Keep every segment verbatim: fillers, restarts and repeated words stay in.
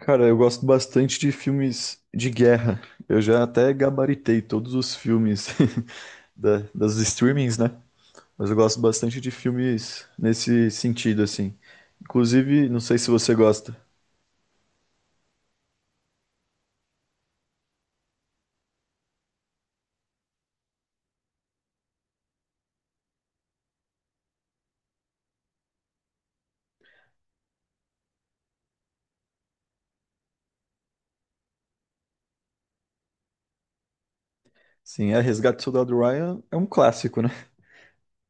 Cara, eu gosto bastante de filmes de guerra. Eu já até gabaritei todos os filmes da- das streamings, né? Mas eu gosto bastante de filmes nesse sentido, assim. Inclusive, não sei se você gosta. Sim, é, Resgate do Soldado Ryan é um clássico, né?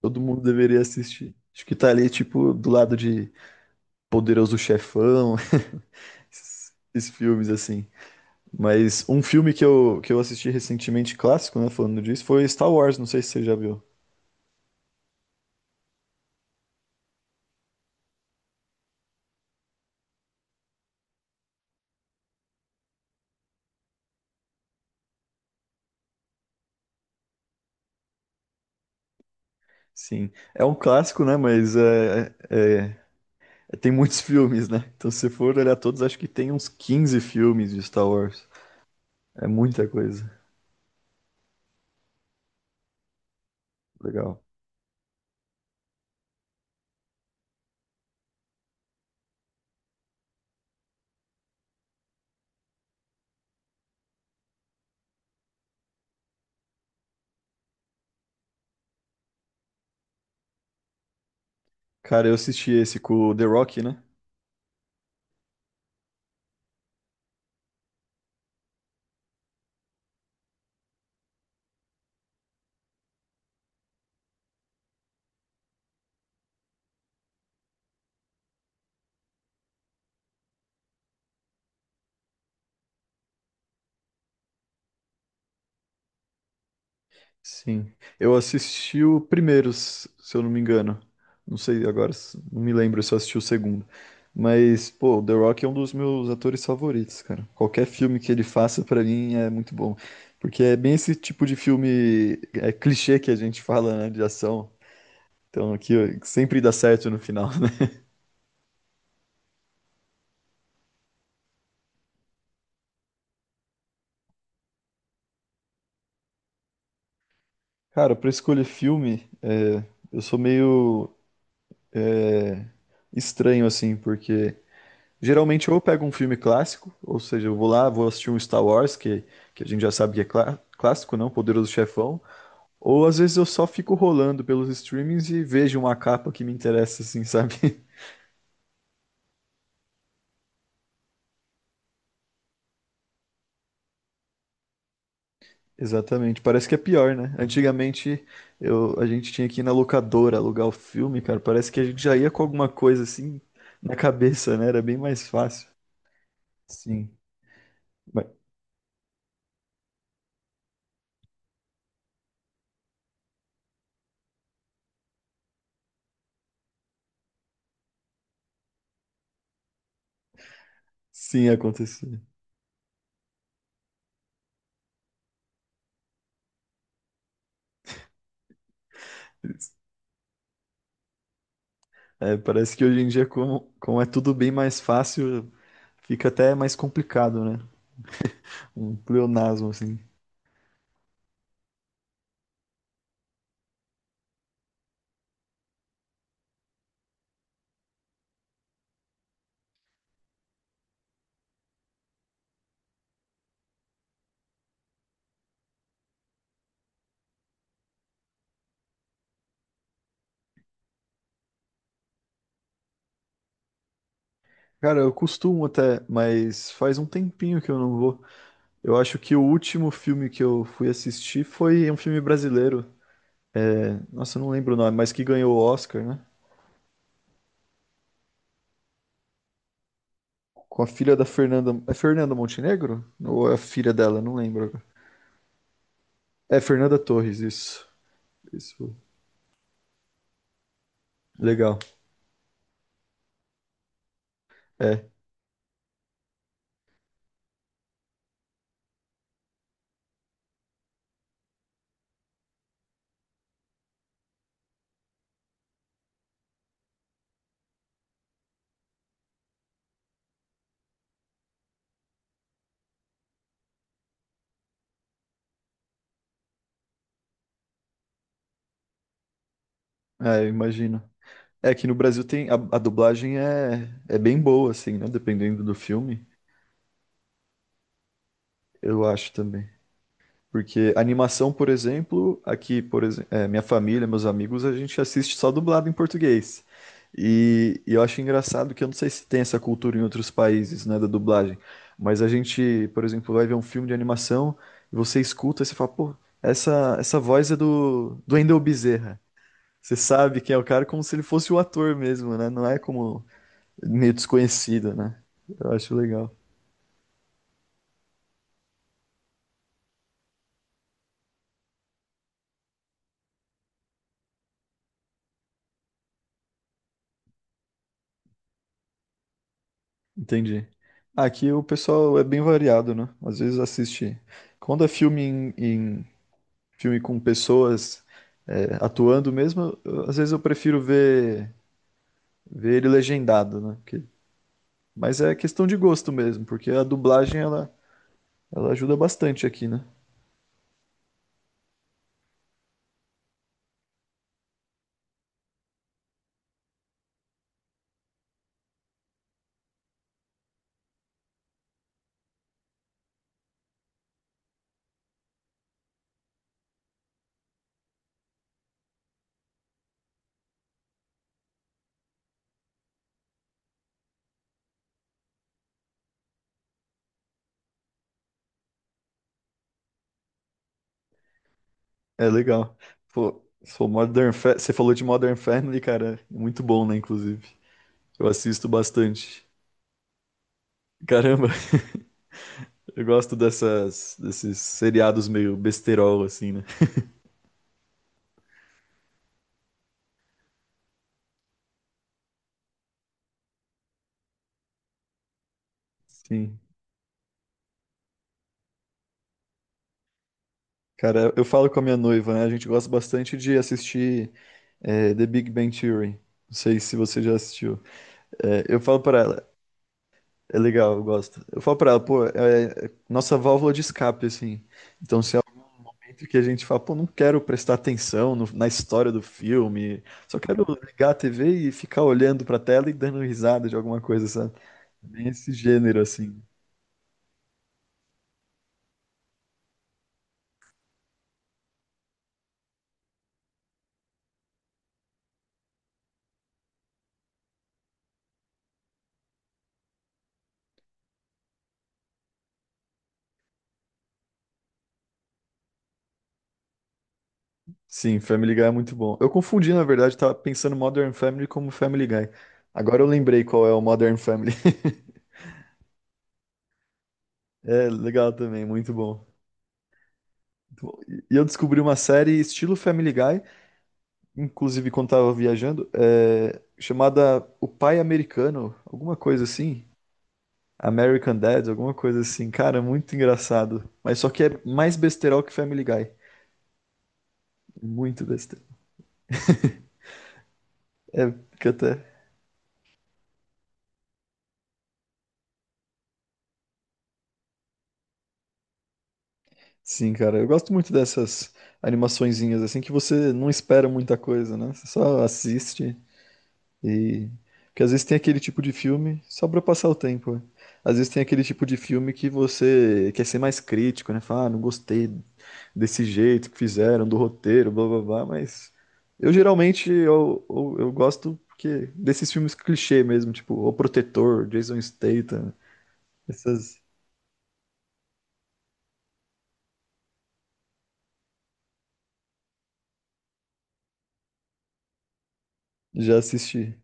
Todo mundo deveria assistir. Acho que tá ali, tipo, do lado de Poderoso Chefão, esses, esses filmes, assim. Mas um filme que eu, que eu assisti recentemente, clássico, né? Falando disso, foi Star Wars. Não sei se você já viu. Sim, é um clássico, né? Mas é, é- é- tem muitos filmes, né? Então, se for olhar todos, acho que tem uns quinze filmes de Star Wars. É muita coisa. Legal. Cara, eu assisti esse com o The Rock, né? Sim. Eu assisti o primeiro, s- se eu não me engano. Não sei agora, s- não me lembro se eu assisti o segundo. Mas, pô, o The Rock é um dos meus atores favoritos, cara. Qualquer filme que ele faça, pra mim, é muito bom. Porque é bem esse tipo de filme, é clichê que a gente fala, né, de ação. Então, aqui ó, sempre dá certo no final, né? Cara, pra escolher filme, é, eu sou meio é, estranho, assim, porque geralmente ou eu pego um filme clássico, ou seja, eu vou lá, vou assistir um Star Wars, que, que a gente já sabe que é clá- clássico, não? Poderoso Chefão. Ou às vezes eu só fico rolando pelos streamings e vejo uma capa que me interessa, assim, sabe? Exatamente, parece que é pior, né? Antigamente eu, a gente tinha que ir na locadora alugar o filme, cara. Parece que a gente já ia com alguma coisa assim na cabeça, né? Era bem mais fácil. Sim, mas sim, acontecia. É, parece que hoje em dia, como, como é tudo bem mais fácil, fica até mais complicado, né? Um pleonasmo, assim. Cara, eu costumo até, mas faz um tempinho que eu não vou. Eu acho que o último filme que eu fui assistir foi um filme brasileiro. Nossa, eu não lembro o nome, mas que ganhou o Oscar, né? Com a filha da Fernanda. É Fernanda Montenegro? Ou é a filha dela? Não lembro agora. É Fernanda Torres, isso. Isso. Legal. É, é, eu imagino. É que no Brasil tem. A, a dublagem é, é bem boa, assim, né? Dependendo do filme, eu acho também. Porque animação, por exemplo, aqui, por exemplo, minha família, meus amigos, a gente assiste só dublado em português. E, e eu acho engraçado que eu não sei se tem essa cultura em outros países, né, da dublagem. Mas a gente, por exemplo, vai ver um filme de animação e você escuta e você fala, pô, essa, essa voz é do, do Wendell Bezerra. Você sabe quem é o cara como se ele fosse o ator mesmo, né? Não é como meio desconhecido, né? Eu acho legal. Entendi. Aqui o pessoal é bem variado, né? Às vezes assiste. Quando é filme em, em- filme com pessoas é, atuando mesmo, eu- às vezes eu prefiro ver, ver ele legendado, né? Porque- mas é questão de gosto mesmo, porque a dublagem ela, ela ajuda bastante aqui, né? É legal. Pô, sou Modern Fa- Você falou de Modern Family, cara. Muito bom, né? Inclusive, eu assisto bastante. Caramba, eu gosto dessas, desses seriados meio besterol, assim, né? Sim. Cara, eu falo com a minha noiva, né? A gente gosta bastante de assistir é, The Big Bang Theory. Não sei se você já assistiu. É, eu falo pra ela, é legal, eu gosto. Eu falo pra ela, pô, é, é nossa válvula de escape, assim. Então, se é um momento que a gente fala, pô, não quero prestar atenção no- na história do filme, só quero ligar a T V e ficar olhando pra tela e dando risada de alguma coisa, sabe? Bem esse gênero, assim. Sim, Family Guy é muito bom. Eu confundi, na verdade, tava pensando Modern Family como Family Guy. Agora eu lembrei qual é o Modern Family. É legal também, muito bom. Muito bom. E e eu descobri uma série estilo Family Guy, inclusive quando tava viajando, é, chamada O Pai Americano, alguma coisa assim. American Dad, alguma coisa assim. Cara, muito engraçado. Mas só que é mais besterol que Family Guy. Muito besteira. É, fica até. Sim, cara, eu gosto muito dessas animaçõezinhas assim que você não espera muita coisa, né? Você só assiste e porque às vezes tem aquele tipo de filme só pra passar o tempo, né? Às vezes tem aquele tipo de filme que você quer ser mais crítico, né? Fala, ah, não gostei desse jeito que fizeram, do roteiro, blá blá blá, mas eu geralmente eu, eu, eu gosto porque desses filmes clichê mesmo, tipo O Protetor, Jason Statham, essas já assisti.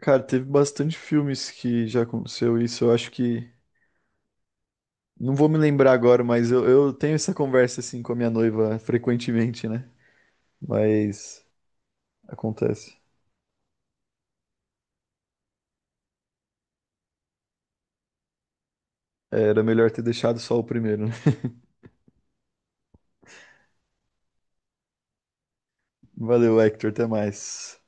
Cara, teve bastante filmes que já aconteceu isso. Eu acho que. Não vou me lembrar agora, mas eu, eu tenho essa conversa assim com a minha noiva frequentemente, né? Mas acontece. Era melhor ter deixado só o primeiro, né? Valeu, Hector. Até mais.